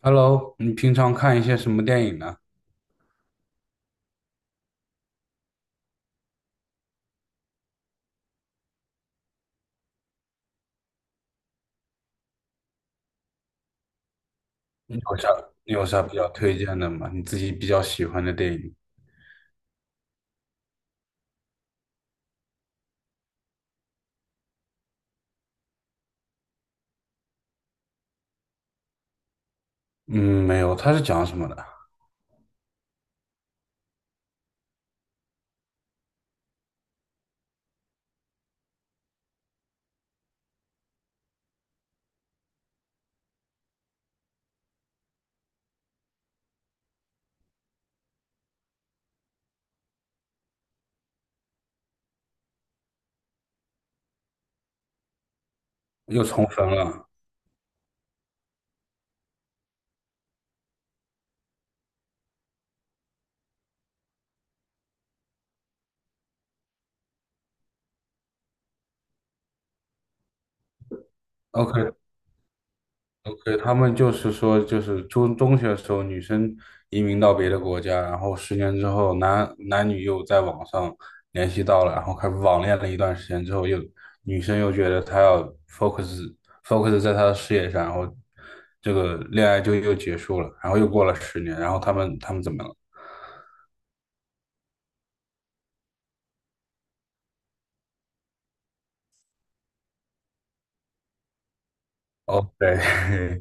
Hello，你平常看一些什么电影呢？你有啥你有啥比较推荐的吗？你自己比较喜欢的电影？嗯，没有，它是讲什么的？又重生了。OK，OK，他们就是说，就是中学的时候，女生移民到别的国家，然后十年之后男女又在网上联系到了，然后开始网恋了一段时间之后又，女生又觉得她要 focus focus 在她的事业上，然后这个恋爱就又结束了，然后又过了十年，然后他们怎么了？OK，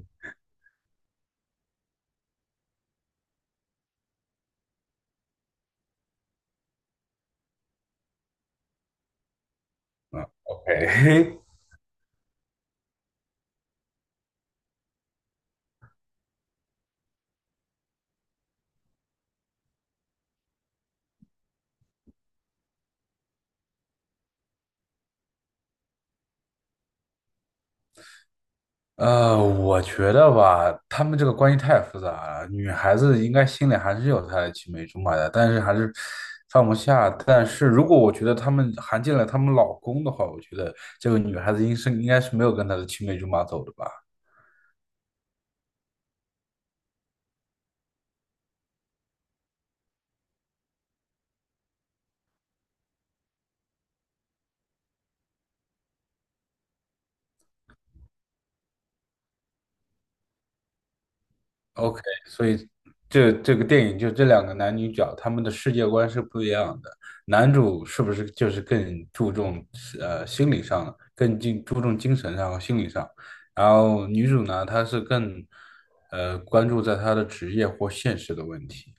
嗯，OK，我觉得吧，他们这个关系太复杂了。女孩子应该心里还是有她的青梅竹马的，但是还是放不下。但是如果我觉得他们含进了他们老公的话，我觉得这个女孩子应该是没有跟她的青梅竹马走的吧。OK，所以这个电影就这两个男女角，他们的世界观是不一样的。男主是不是就是更注重心理上，更注重精神上和心理上？然后女主呢，她是更关注在她的职业或现实的问题，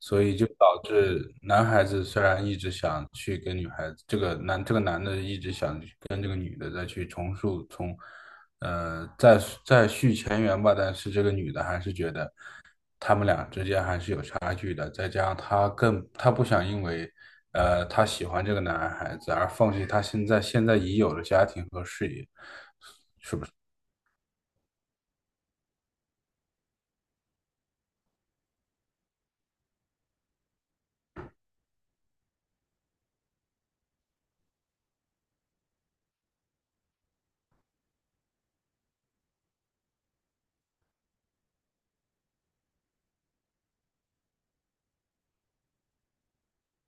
所以就导致男孩子虽然一直想去跟女孩子，这个男的一直想去跟这个女的再去重塑从呃，再再续前缘吧，但是这个女的还是觉得他们俩之间还是有差距的，再加上她更，她不想因为她喜欢这个男孩子而放弃她现在已有的家庭和事业。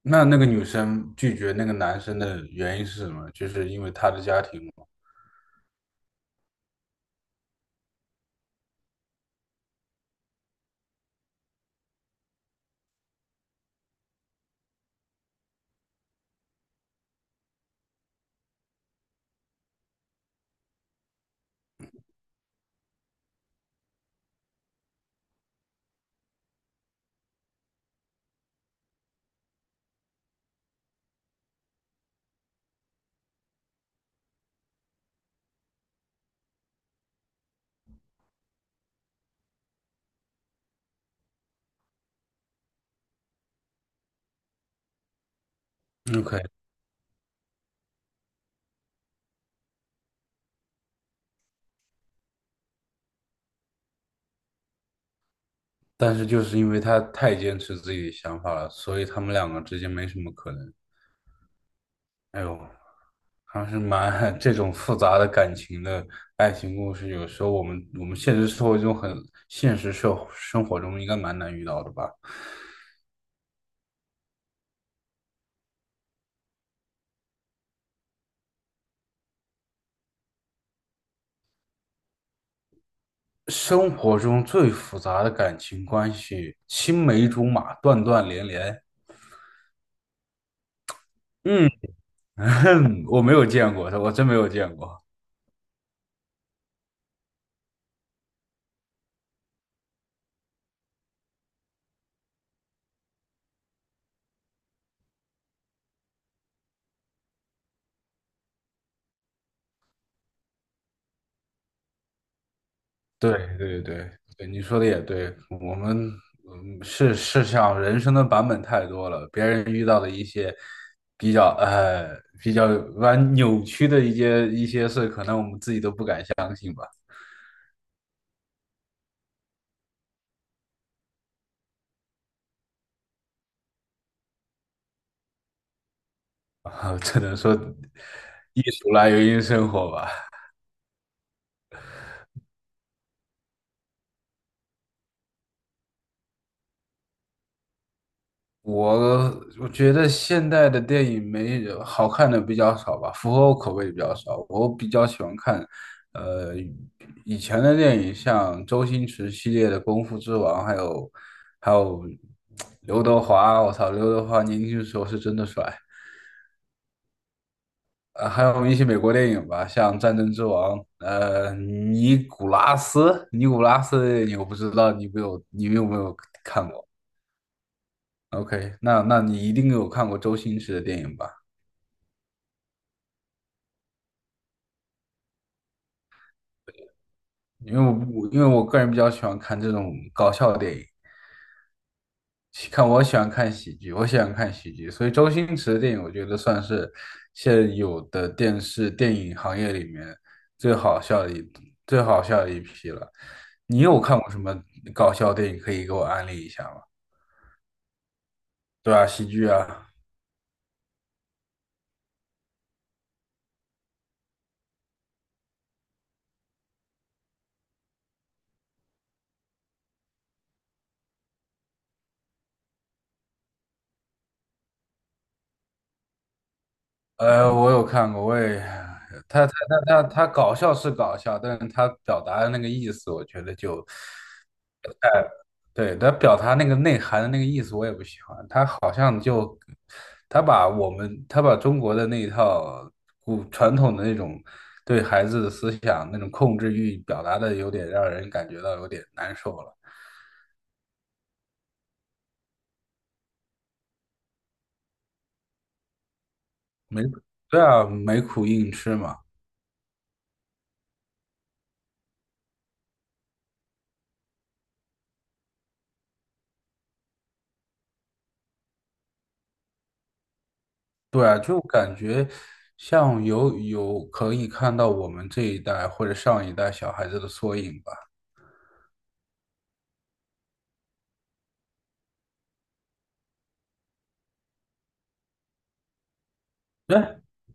那那个女生拒绝那个男生的原因是什么？就是因为她的家庭嘛。OK，但是就是因为他太坚持自己的想法了，所以他们两个之间没什么可能。哎呦，还是蛮 这种复杂的感情的爱情故事，有时候我们现实生活中现实生活中应该蛮难遇到的吧。生活中最复杂的感情关系，青梅竹马，断断连连。嗯，我没有见过，我真没有见过。对对对对，你说的也对，我们像人生的版本太多了，别人遇到的一些比较呃比较扭曲的一些事，可能我们自己都不敢想，只能说艺术来源于生活 吧。我我觉得现代的电影没好看的比较少吧，符合我口味的比较少。我比较喜欢看，呃，以前的电影，像周星驰系列的《功夫之王》，还有刘德华。我操，刘德华年轻的时候是真的帅。呃，还有一些美国电影吧，像《战争之王》，尼古拉斯的电影我不知道你有没有看过？OK，那那你一定有看过周星驰的电影吧？因为我因为我个人比较喜欢看这种搞笑电影，喜看我喜欢看喜剧，我喜欢看喜剧，所以周星驰的电影我觉得算是现有的电视电影行业里面最好笑的一最好笑的一批了。你有看过什么搞笑电影可以给我安利一下吗？对啊，喜剧啊，呃，我有看过，他他他搞笑是搞笑，但是他表达的那个意思，我觉得就对，他表达那个内涵的那个意思我也不喜欢，他好像就他把中国的那一套古传统的那种对孩子的思想那种控制欲表达的有点让人感觉到有点难受了，没对啊，没苦硬吃嘛，对啊，就感觉像可以看到我们这一代或者上一代小孩子的缩影吧。对，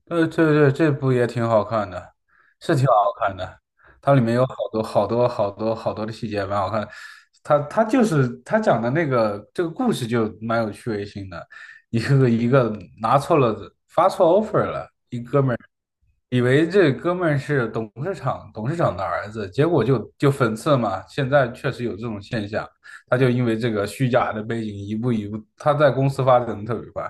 对对对，这部也挺好看的，是挺好看的。它里面有好多好多好多好多的细节，蛮好看就是他讲的那个这个故事就蛮有趣味性的，一个一个拿错了发错 offer 了，以为这哥们儿是董事长的儿子，结果就讽刺嘛。现在确实有这种现象，他就因为这个虚假的背景，一步一步，他在公司发展的特别快。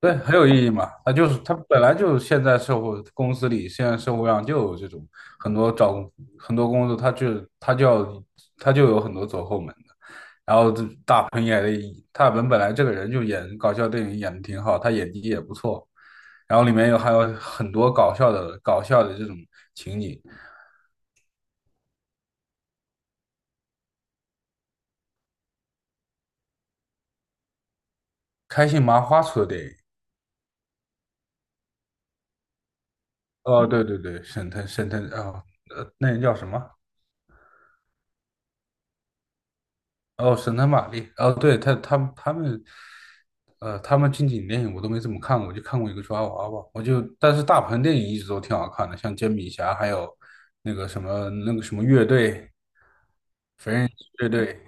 对，很有意义嘛。他就是他本来就现在社会公司里，现在社会上就有这种很多找很多工作，他就有很多走后门的。然后这大鹏演的，大鹏本来这个人就演搞笑电影演的挺好，他演技也不错。然后里面还有很多搞笑的这种情景，开心麻花出的电影。哦，对对对，沈腾沈腾啊，呃，那人叫什么？哦，神探玛丽，哦，对，他们，呃，他们近几年电影我都没怎么看过，我就看过一个抓娃娃，但是大鹏电影一直都挺好看的，像煎饼侠，还有那个什么乐队，缝人乐队，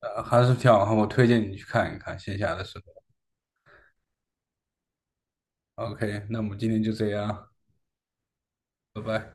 呃，还是挺好看，我推荐你去看一看，线下的时候。OK，那我们今天就这样，拜拜。